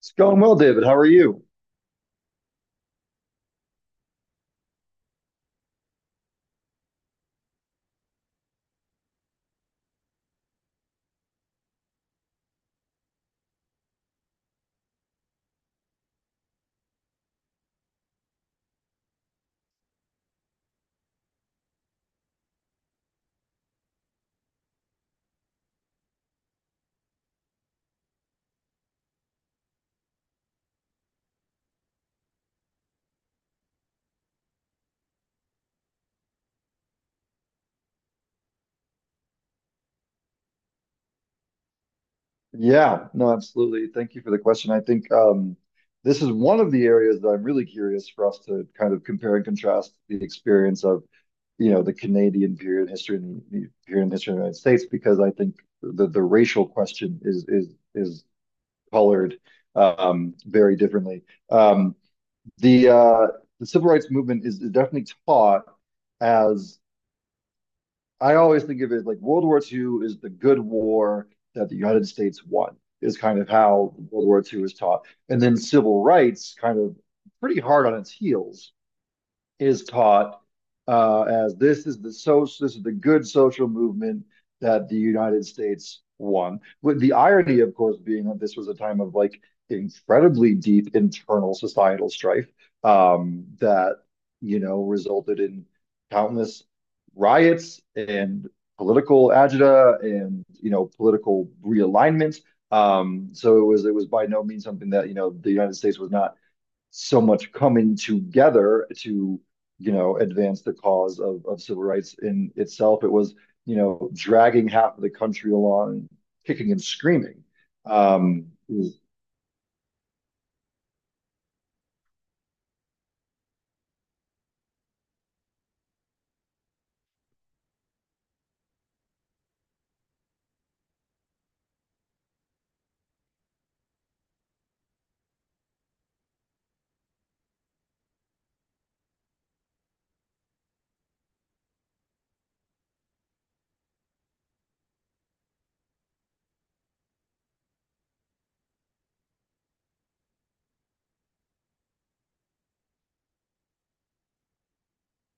It's going well, David. How are you? Yeah, no, absolutely. Thank you for the question. I think this is one of the areas that I'm really curious for us to kind of compare and contrast the experience of, you know, the Canadian period in history and the period in history of the United States, because I think the racial question is colored very differently. Um, the uh, the civil rights movement is definitely taught as I always think of it like World War Two is the good war that the United States won, is kind of how World War Two is taught. And then civil rights kind of pretty hard on its heels is taught as this is the good social movement that the United States won, with the irony, of course, being that this was a time of like incredibly deep internal societal strife that you know resulted in countless riots and political agita and you know political realignment. So it was by no means something that you know the United States was not so much coming together to, you know, advance the cause of civil rights in itself. It was, you know, dragging half of the country along, kicking and screaming, um,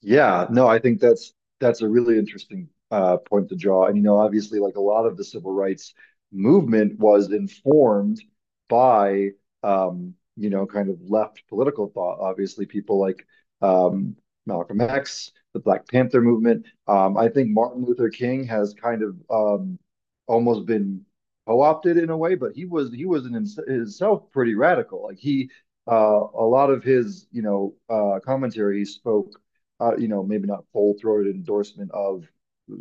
Yeah, no, I think that's a really interesting point to draw. And you know, obviously, like a lot of the civil rights movement was informed by you know, kind of left political thought. Obviously, people like um, Malcolm X, the Black Panther movement. I think Martin Luther King has kind of almost been co-opted in a way, but he was in himself pretty radical. Like he, uh, a lot of his you know commentary he spoke you know, maybe not full throated endorsement of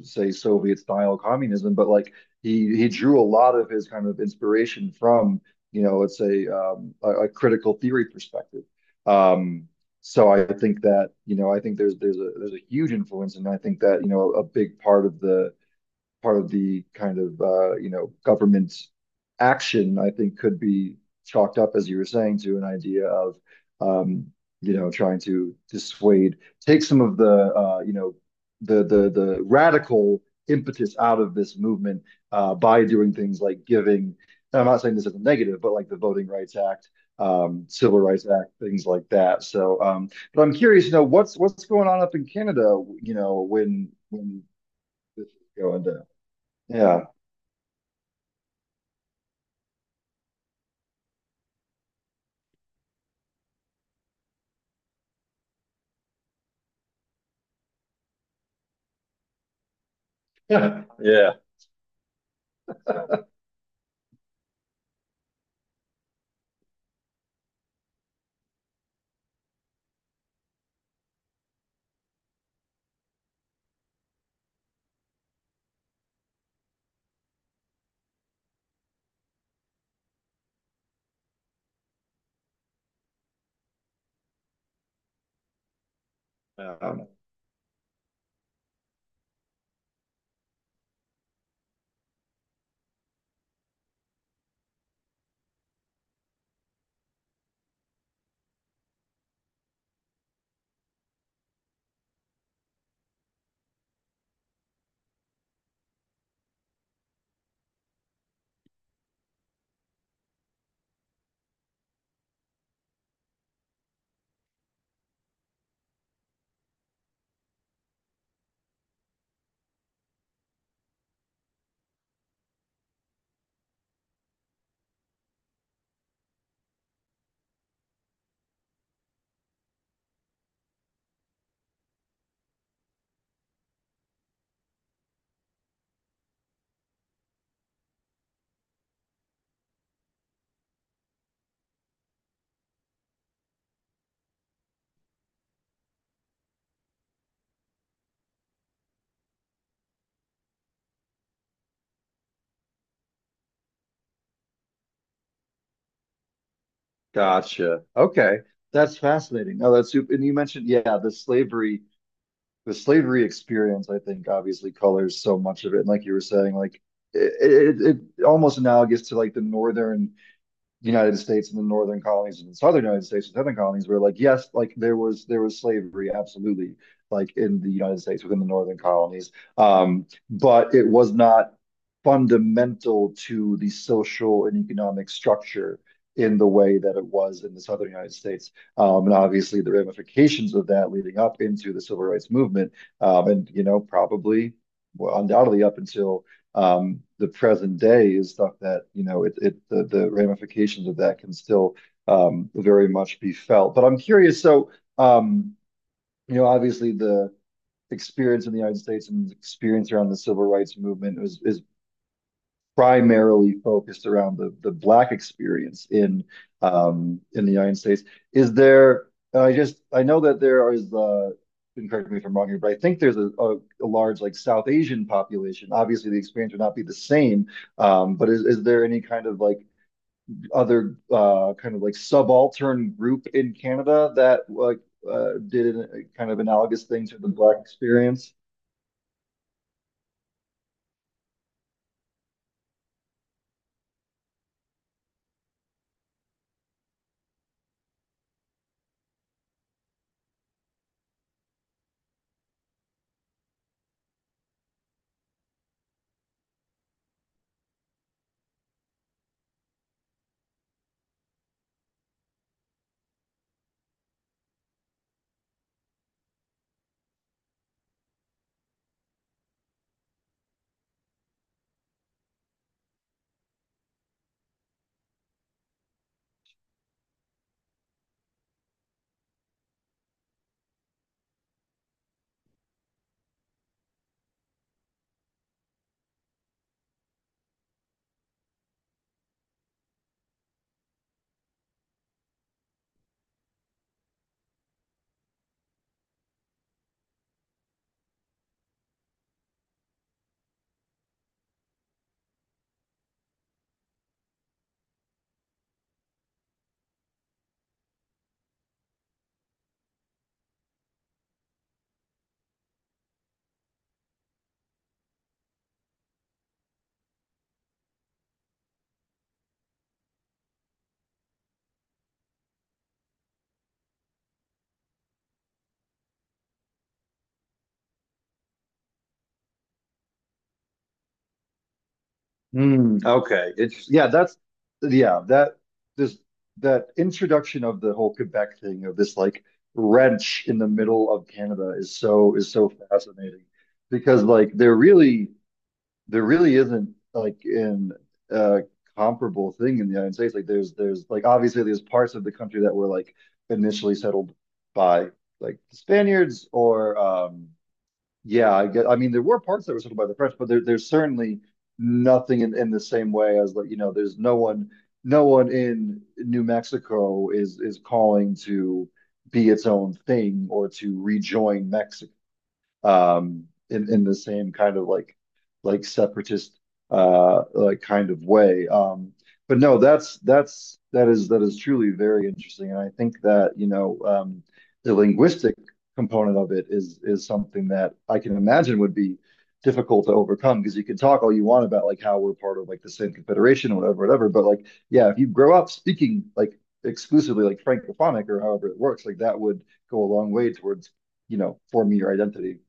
say Soviet style communism, but like he drew a lot of his kind of inspiration from, you know, let's say a critical theory perspective. Um, so I think that, you know, I think there's a huge influence, and I think that, you know, a big part of the kind of you know government action, I think, could be chalked up, as you were saying, to an idea of um, you know trying to dissuade, take some of the you know the radical impetus out of this movement by doing things like giving. And I'm not saying this is a negative, but like the Voting Rights Act, Civil Rights Act, things like that. So, but I'm curious, you know, what's going on up in Canada, you know, when this is going down. Yeah. Yeah. Um, gotcha. Okay. That's fascinating. No, that's super. And you mentioned, yeah, the slavery experience, I think obviously colors so much of it. And like you were saying, like it, it, it almost analogous to like the northern the United States and the northern colonies and the southern United States and southern colonies were like, yes, like there was slavery, absolutely, like in the United States within the northern colonies. But it was not fundamental to the social and economic structure in the way that it was in the southern United States. And obviously the ramifications of that leading up into the civil rights movement, and you know, probably well, undoubtedly up until the present day is stuff that you know the ramifications of that can still very much be felt. But I'm curious. So um, you know, obviously the experience in the United States and the experience around the civil rights movement is primarily focused around the Black experience in the United States. Is there? I just I know that there is. And correct me if I'm wrong here, but I think there's a large like South Asian population. Obviously, the experience would not be the same. But is there any kind of like other kind of like subaltern group in Canada that like did a kind of analogous thing to the Black experience? Mm, okay. It's yeah, that's yeah, that this that introduction of the whole Quebec thing of this like wrench in the middle of Canada is so fascinating because like there really isn't like an uh comparable thing in the United States. Like there's like obviously there's parts of the country that were like initially settled by like the Spaniards or yeah, I get, I mean, there were parts that were settled by the French, but there's certainly nothing in the same way as like, you know, there's no one, no one in New Mexico is calling to be its own thing or to rejoin Mexico um, in the same kind of like separatist like kind of way. But no, that is truly very interesting, and I think that you know the linguistic component of it is something that I can imagine would be difficult to overcome because you can talk all you want about like how we're part of like the same confederation or whatever, whatever. But like, yeah, if you grow up speaking like exclusively like Francophonic or however it works, like that would go a long way towards, you know, forming your identity.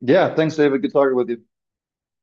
Yeah, thanks, David. Good talking with you.